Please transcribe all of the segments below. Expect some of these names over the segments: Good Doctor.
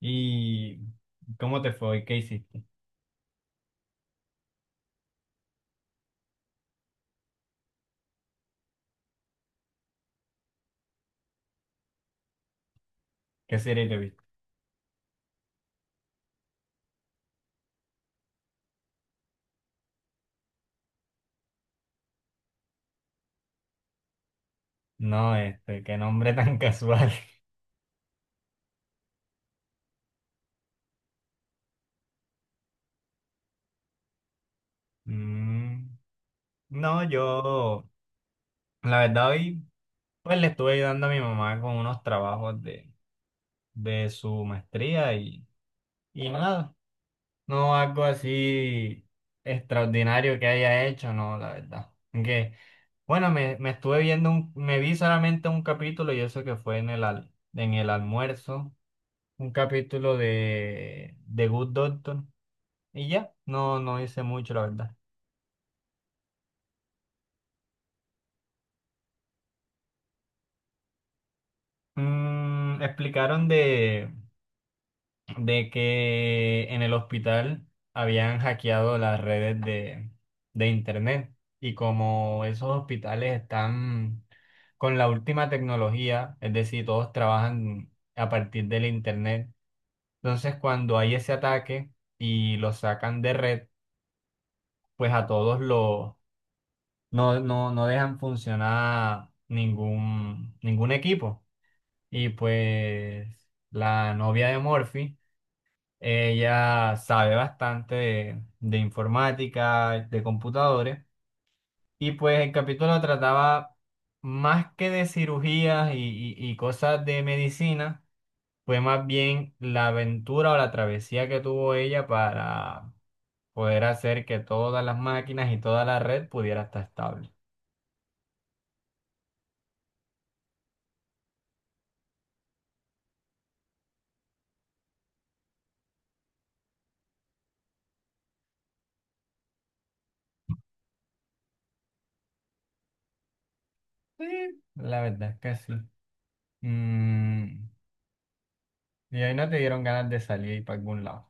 ¿Y cómo te fue? ¿Qué hiciste? ¿Qué serie te viste? No, este, qué nombre tan casual. Mm, no, yo, la verdad, hoy pues le estuve ayudando a mi mamá con unos trabajos de su maestría y nada, no algo así extraordinario que haya hecho, no, la verdad. Aunque, bueno, me estuve viendo, me vi solamente un capítulo y eso que fue en en el almuerzo. Un capítulo de Good Doctor y ya, no, no hice mucho, la verdad. Mm, explicaron de que en el hospital habían hackeado las redes de internet, y como esos hospitales están con la última tecnología, es decir, todos trabajan a partir del internet. Entonces, cuando hay ese ataque y los sacan de red, pues a todos los no, no, no dejan funcionar ningún equipo. Y pues la novia de Morphy, ella sabe bastante de informática, de computadores, y pues el capítulo trataba más que de cirugías y cosas de medicina. Fue más bien la aventura o la travesía que tuvo ella para poder hacer que todas las máquinas y toda la red pudiera estar estable. Sí, la verdad es que sí. Mm, ¿y ahí no te dieron ganas de salir y para algún lado?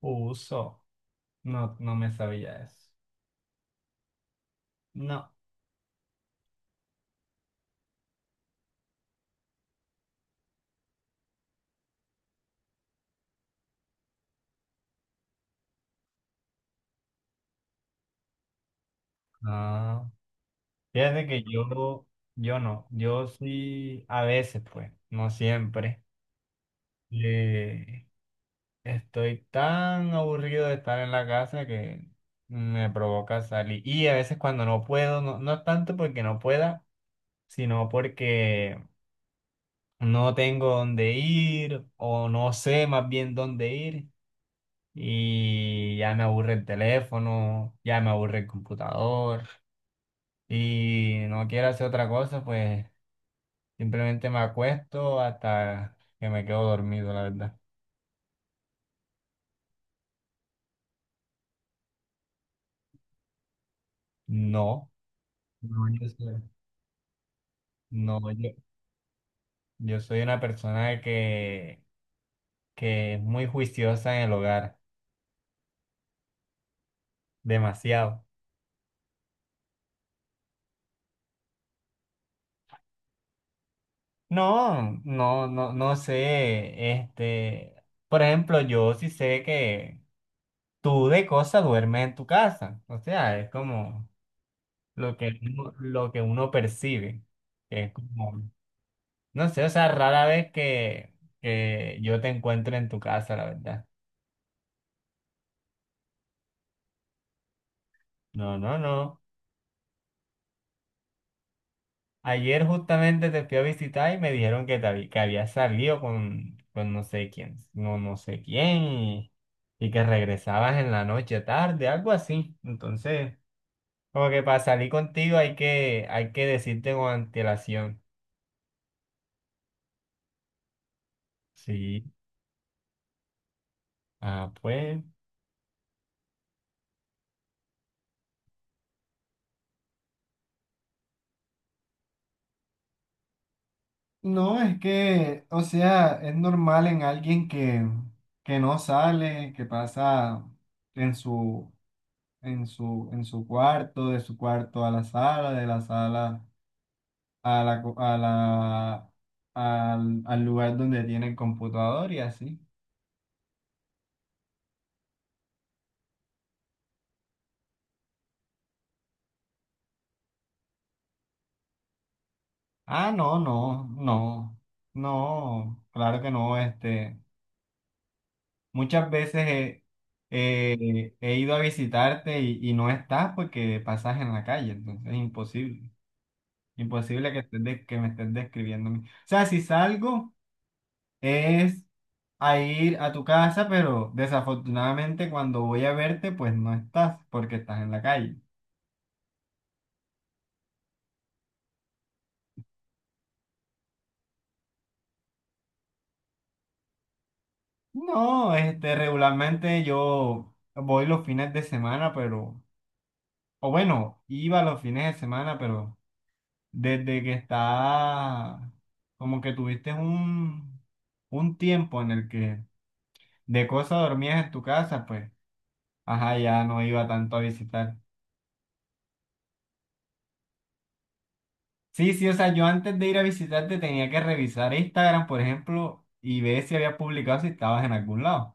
Uso. No, no me sabía eso. No. Ah, fíjate que yo no, yo sí, a veces pues, no siempre. Eh, Estoy tan aburrido de estar en la casa que me provoca salir. Y a veces cuando no puedo, no, no es tanto porque no pueda, sino porque no tengo dónde ir o no sé más bien dónde ir. Y ya me aburre el teléfono, ya me aburre el computador y no quiero hacer otra cosa, pues simplemente me acuesto hasta que me quedo dormido, la verdad. No, no, yo soy, no, yo soy una persona que es muy juiciosa en el hogar, demasiado. No, no, no, no sé, este, por ejemplo, yo sí sé que tú de cosa duermes en tu casa, o sea, es como lo que uno percibe. Que es como, no sé, o sea, rara vez que yo te encuentre en tu casa, la verdad. No, no, no. Ayer justamente te fui a visitar y me dijeron que, que habías salido con no sé quién, no, no sé quién, y que regresabas en la noche tarde, algo así. Entonces, como que para salir contigo hay que decirte con antelación. Sí. Ah, pues. No, es que, o sea, es normal en alguien que no sale, que pasa en su, en su cuarto, de su cuarto a la sala, de la sala a a al, al lugar donde tiene el computador y así. Ah, no, no, no, no, claro que no, este, muchas veces he, he ido a visitarte y no estás porque pasas en la calle, entonces es imposible. Imposible que, que me estés describiendo a mí. O sea, si salgo es a ir a tu casa, pero desafortunadamente cuando voy a verte, pues no estás porque estás en la calle. No, este, regularmente yo voy los fines de semana, pero, o bueno, iba los fines de semana, pero desde que está, como que tuviste un tiempo en el que de cosa dormías en tu casa, pues, ajá, ya no iba tanto a visitar. Sí, sí, o sea, yo antes de ir a visitarte tenía que revisar Instagram, por ejemplo, y ver si habías publicado si estabas en algún lado.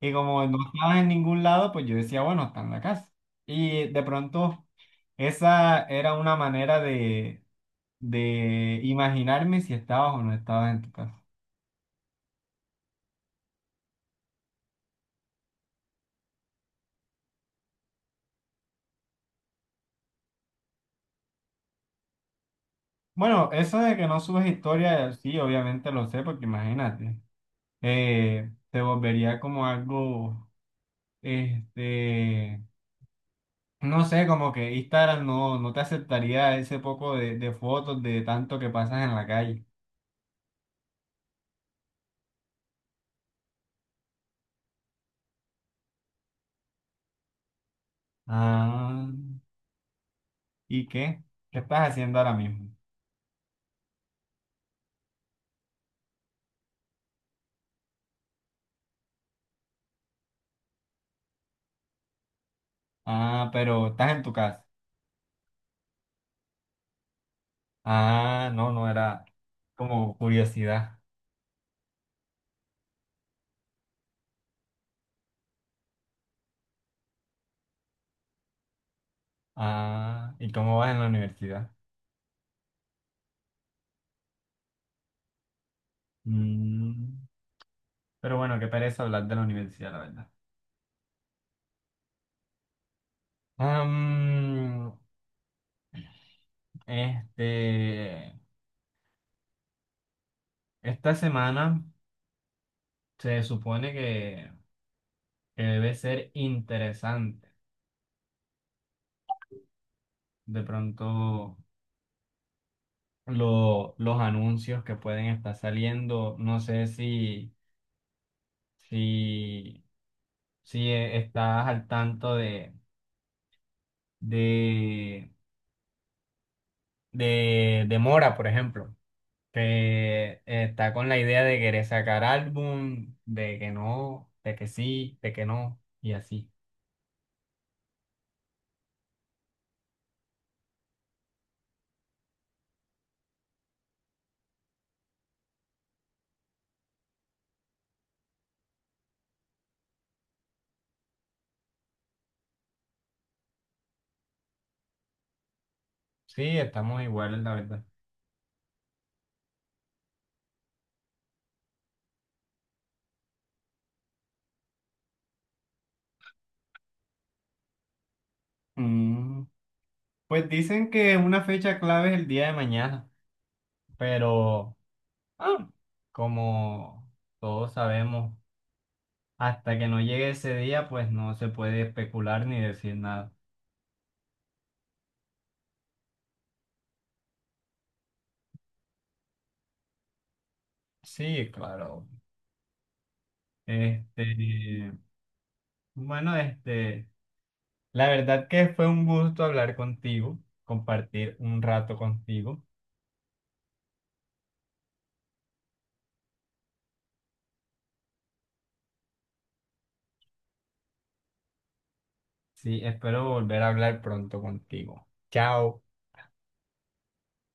Y como no estabas en ningún lado, pues yo decía, bueno, está en la casa. Y de pronto, esa era una manera de imaginarme si estabas o no estabas en tu casa. Bueno, eso de que no subes historia, sí, obviamente lo sé, porque imagínate, te volvería como algo, este, no sé, como que Instagram no, no te aceptaría ese poco de fotos de tanto que pasas en la calle. Ah, ¿y qué? ¿Qué estás haciendo ahora mismo? Ah, pero estás en tu casa. Ah, no, no era como curiosidad. Ah, ¿y cómo vas en la universidad? Mm, pero bueno, qué pereza hablar de la universidad, la verdad. Am, este, esta semana se supone que debe ser interesante de pronto los anuncios que pueden estar saliendo. No sé si, si, si estás al tanto de, de Mora, por ejemplo, que está con la idea de querer sacar álbum, de que no, de que sí, de que no, y así. Sí, estamos iguales, la verdad. Mm, pues dicen que una fecha clave es el día de mañana, pero... Ah, como todos sabemos, hasta que no llegue ese día, pues no se puede especular ni decir nada. Sí, claro. Este, bueno, este, la verdad que fue un gusto hablar contigo, compartir un rato contigo. Sí, espero volver a hablar pronto contigo. Chao.